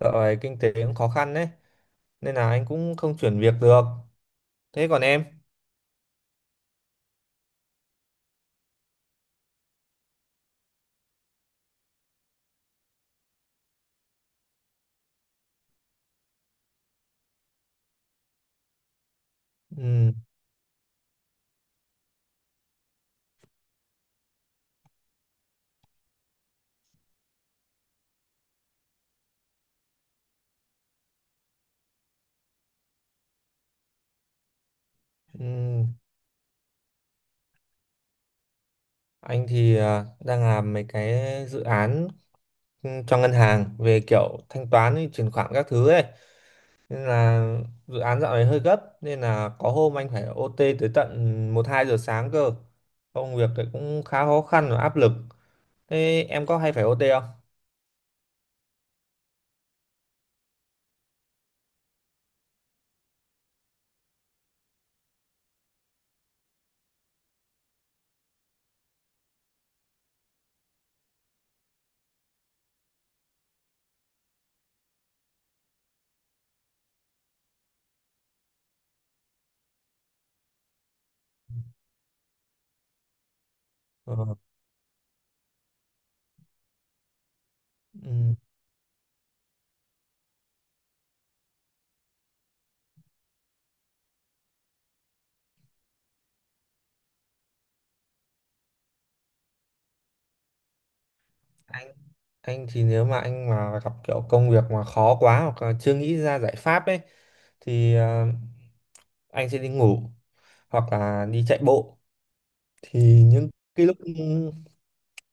Dạo này kinh tế cũng khó khăn đấy, nên là anh cũng không chuyển việc được. Thế còn em? Ừ, ừ. Anh thì đang làm mấy cái dự án, cho ngân hàng về kiểu thanh toán với chuyển khoản các thứ ấy, nên là dự án dạo này hơi gấp, nên là có hôm anh phải OT tới tận một hai giờ sáng cơ. Công việc thì cũng khá khó khăn và áp lực. Thế em có hay phải OT không? Ờ, ừ. anh anh thì nếu mà anh mà gặp kiểu công việc mà khó quá, hoặc là chưa nghĩ ra giải pháp ấy, thì anh sẽ đi ngủ, hoặc là đi chạy bộ. Thì những cái lúc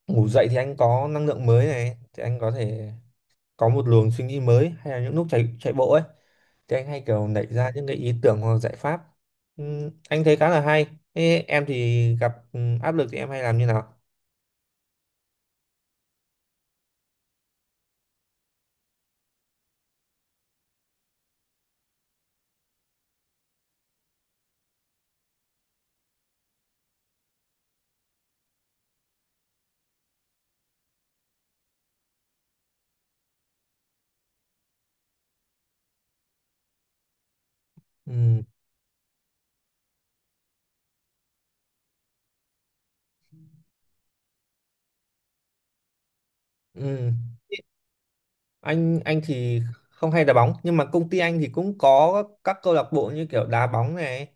ngủ dậy thì anh có năng lượng mới này, thì anh có thể có một luồng suy nghĩ mới, hay là những lúc chạy chạy bộ ấy thì anh hay kiểu nảy ra những cái ý tưởng hoặc giải pháp. Anh thấy khá là hay. Thế em thì gặp áp lực thì em hay làm như nào? Ừm, ừm. Anh thì không hay đá bóng, nhưng mà công ty anh thì cũng có các câu lạc bộ như kiểu đá bóng này,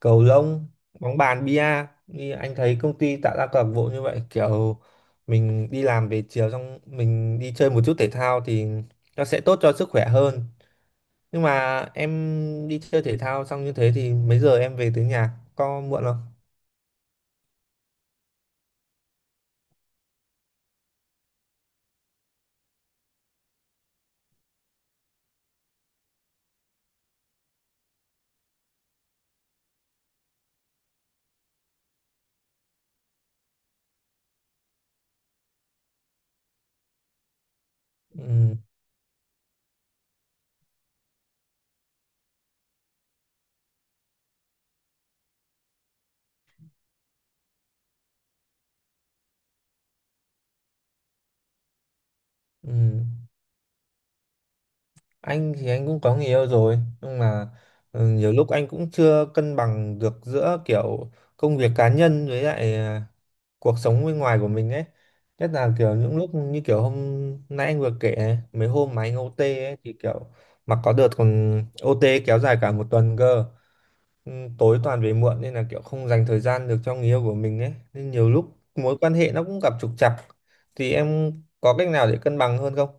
cầu lông, bóng bàn, bia. Như anh thấy công ty tạo ra câu lạc bộ như vậy, kiểu mình đi làm về chiều xong mình đi chơi một chút thể thao thì nó sẽ tốt cho sức khỏe hơn. Nhưng mà em đi chơi thể thao xong như thế thì mấy giờ em về tới nhà, có muộn không? Ừ, ừ. Anh thì anh cũng có người yêu rồi, nhưng mà nhiều lúc anh cũng chưa cân bằng được giữa kiểu công việc cá nhân với lại cuộc sống bên ngoài của mình ấy, nhất là kiểu những lúc như kiểu hôm nay anh vừa kể này, mấy hôm mà anh ô tê ấy thì kiểu mà có đợt còn OT kéo dài cả một tuần cơ. Ừ, tối toàn về muộn nên là kiểu không dành thời gian được cho người yêu của mình ấy, nên nhiều lúc mối quan hệ nó cũng gặp trục trặc. Thì em có cách nào để cân bằng hơn không?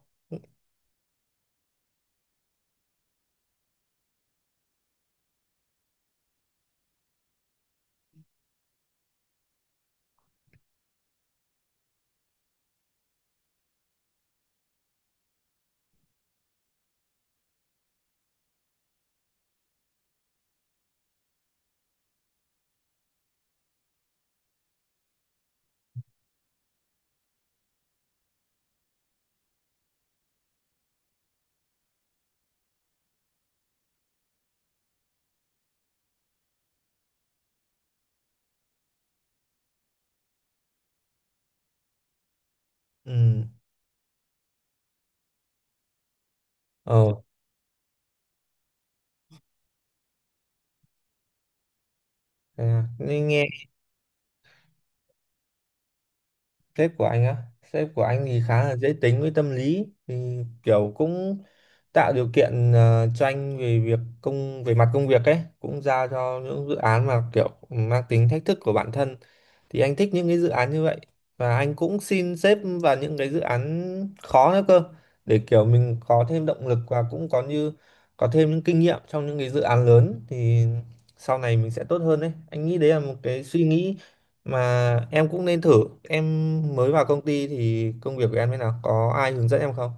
Ừ, ờ, thế à. Nghe. Sếp của anh á? Sếp của anh thì khá là dễ tính với tâm lý, thì kiểu cũng tạo điều kiện, cho anh về việc công về mặt công việc ấy, cũng giao cho những dự án mà kiểu mang tính thách thức của bản thân, thì anh thích những cái dự án như vậy, và anh cũng xin sếp vào những cái dự án khó nữa cơ, để kiểu mình có thêm động lực và cũng có như có thêm những kinh nghiệm trong những cái dự án lớn. Thì sau này mình sẽ tốt hơn đấy, anh nghĩ đấy là một cái suy nghĩ mà em cũng nên thử. Em mới vào công ty thì công việc của em thế nào, có ai hướng dẫn em không?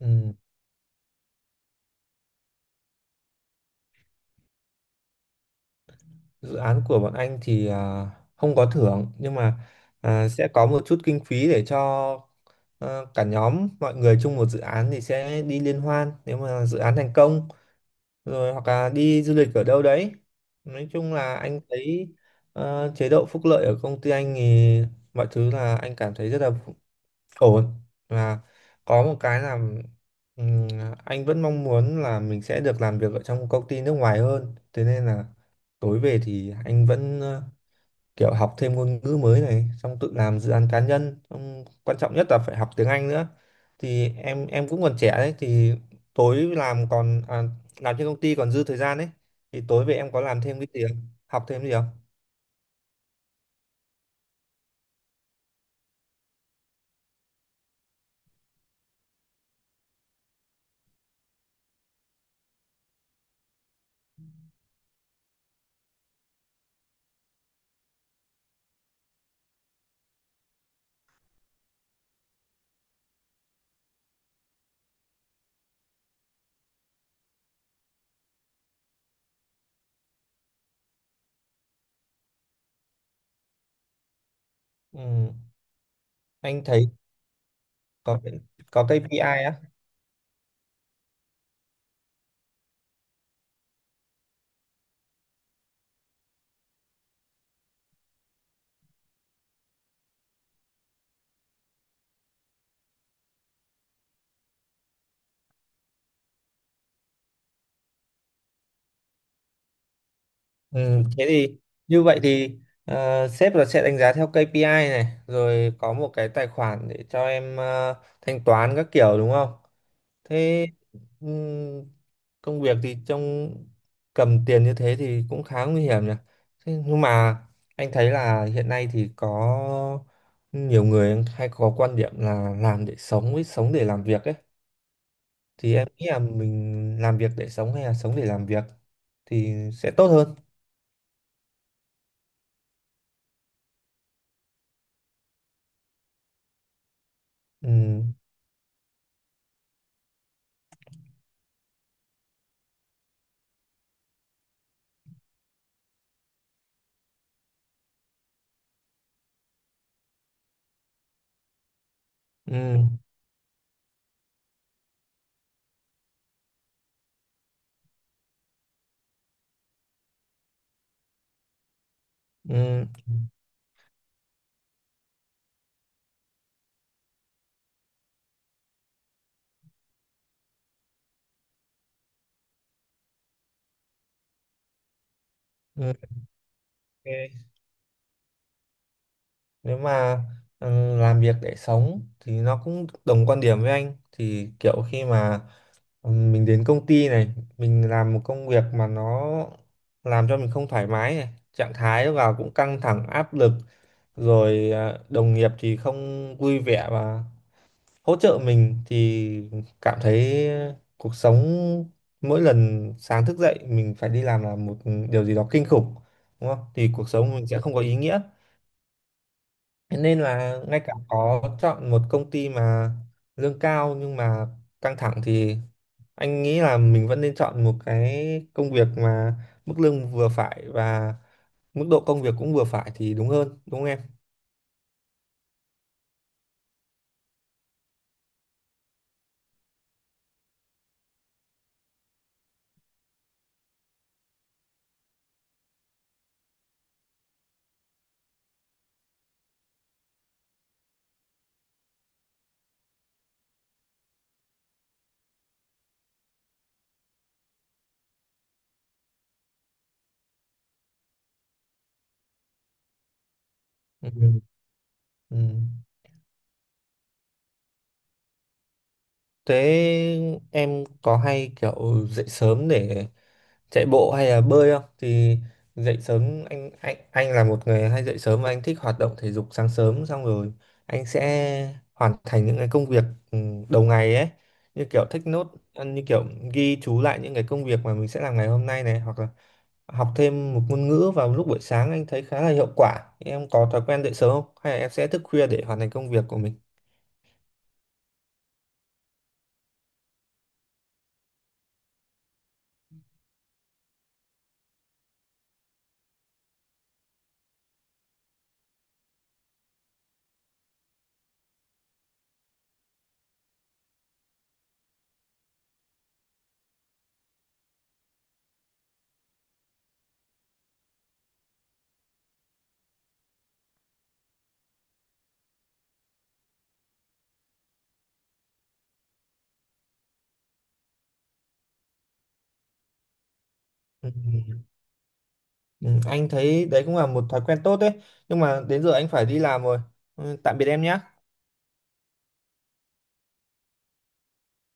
Ừ. Dự án của bọn anh thì không có thưởng, nhưng mà sẽ có một chút kinh phí để cho ờ, cả nhóm mọi người chung một dự án thì sẽ đi liên hoan nếu mà dự án thành công rồi, hoặc là đi du lịch ở đâu đấy. Nói chung là anh thấy chế độ phúc lợi ở công ty anh thì mọi thứ là anh cảm thấy rất là ổn. Và có một cái là, ừm, anh vẫn mong muốn là mình sẽ được làm việc ở trong một công ty nước ngoài hơn, thế nên là tối về thì anh vẫn kiểu học thêm ngôn ngữ mới này, xong tự làm dự án cá nhân, xong quan trọng nhất là phải học tiếng Anh nữa. Thì em cũng còn trẻ đấy, thì tối làm còn làm trên công ty còn dư thời gian đấy, thì tối về em có làm thêm cái gì không, học thêm gì không? Ừm, anh thấy có có ca pê i á? Ừ, thế thì, như vậy thì, sếp là sẽ đánh giá theo KPI này, rồi có một cái tài khoản để cho em thanh toán các kiểu, đúng không? Thế ừm, công việc thì trong cầm tiền như thế thì cũng khá nguy hiểm nhỉ. Thế nhưng mà anh thấy là hiện nay thì có nhiều người hay có quan điểm là làm để sống với sống để làm việc ấy. Thì em nghĩ là mình làm việc để sống hay là sống để làm việc thì sẽ tốt hơn. Ừ. Ừ. Ừ, ừ, ok. Nếu mà làm việc để sống thì nó cũng đồng quan điểm với anh, thì kiểu khi mà mình đến công ty này, mình làm một công việc mà nó làm cho mình không thoải mái này, trạng thái vào cũng căng thẳng áp lực, rồi đồng nghiệp thì không vui vẻ và hỗ trợ mình, thì cảm thấy cuộc sống mỗi lần sáng thức dậy mình phải đi làm là một điều gì đó kinh khủng, đúng không, thì cuộc sống mình sẽ không có ý nghĩa. Thế nên là ngay cả có chọn một công ty mà lương cao nhưng mà căng thẳng, thì anh nghĩ là mình vẫn nên chọn một cái công việc mà mức lương vừa phải và mức độ công việc cũng vừa phải thì đúng hơn, đúng không em? Ừ. Ừ. Thế em có hay kiểu dậy sớm để chạy bộ hay là bơi không? Thì dậy sớm, anh là một người hay dậy sớm, và anh thích hoạt động thể dục sáng sớm, xong rồi anh sẽ hoàn thành những cái công việc ừ, đầu ngày ấy, như kiểu take note, như kiểu ghi chú lại những cái công việc mà mình sẽ làm ngày hôm nay này, hoặc là học thêm một ngôn ngữ vào lúc buổi sáng, anh thấy khá là hiệu quả. Em có thói quen dậy sớm không, hay là em sẽ thức khuya để hoàn thành công việc của mình? Ừ. Ừ, anh thấy đấy cũng là một thói quen tốt đấy, nhưng mà đến giờ anh phải đi làm rồi. Ừ, tạm biệt em nhé.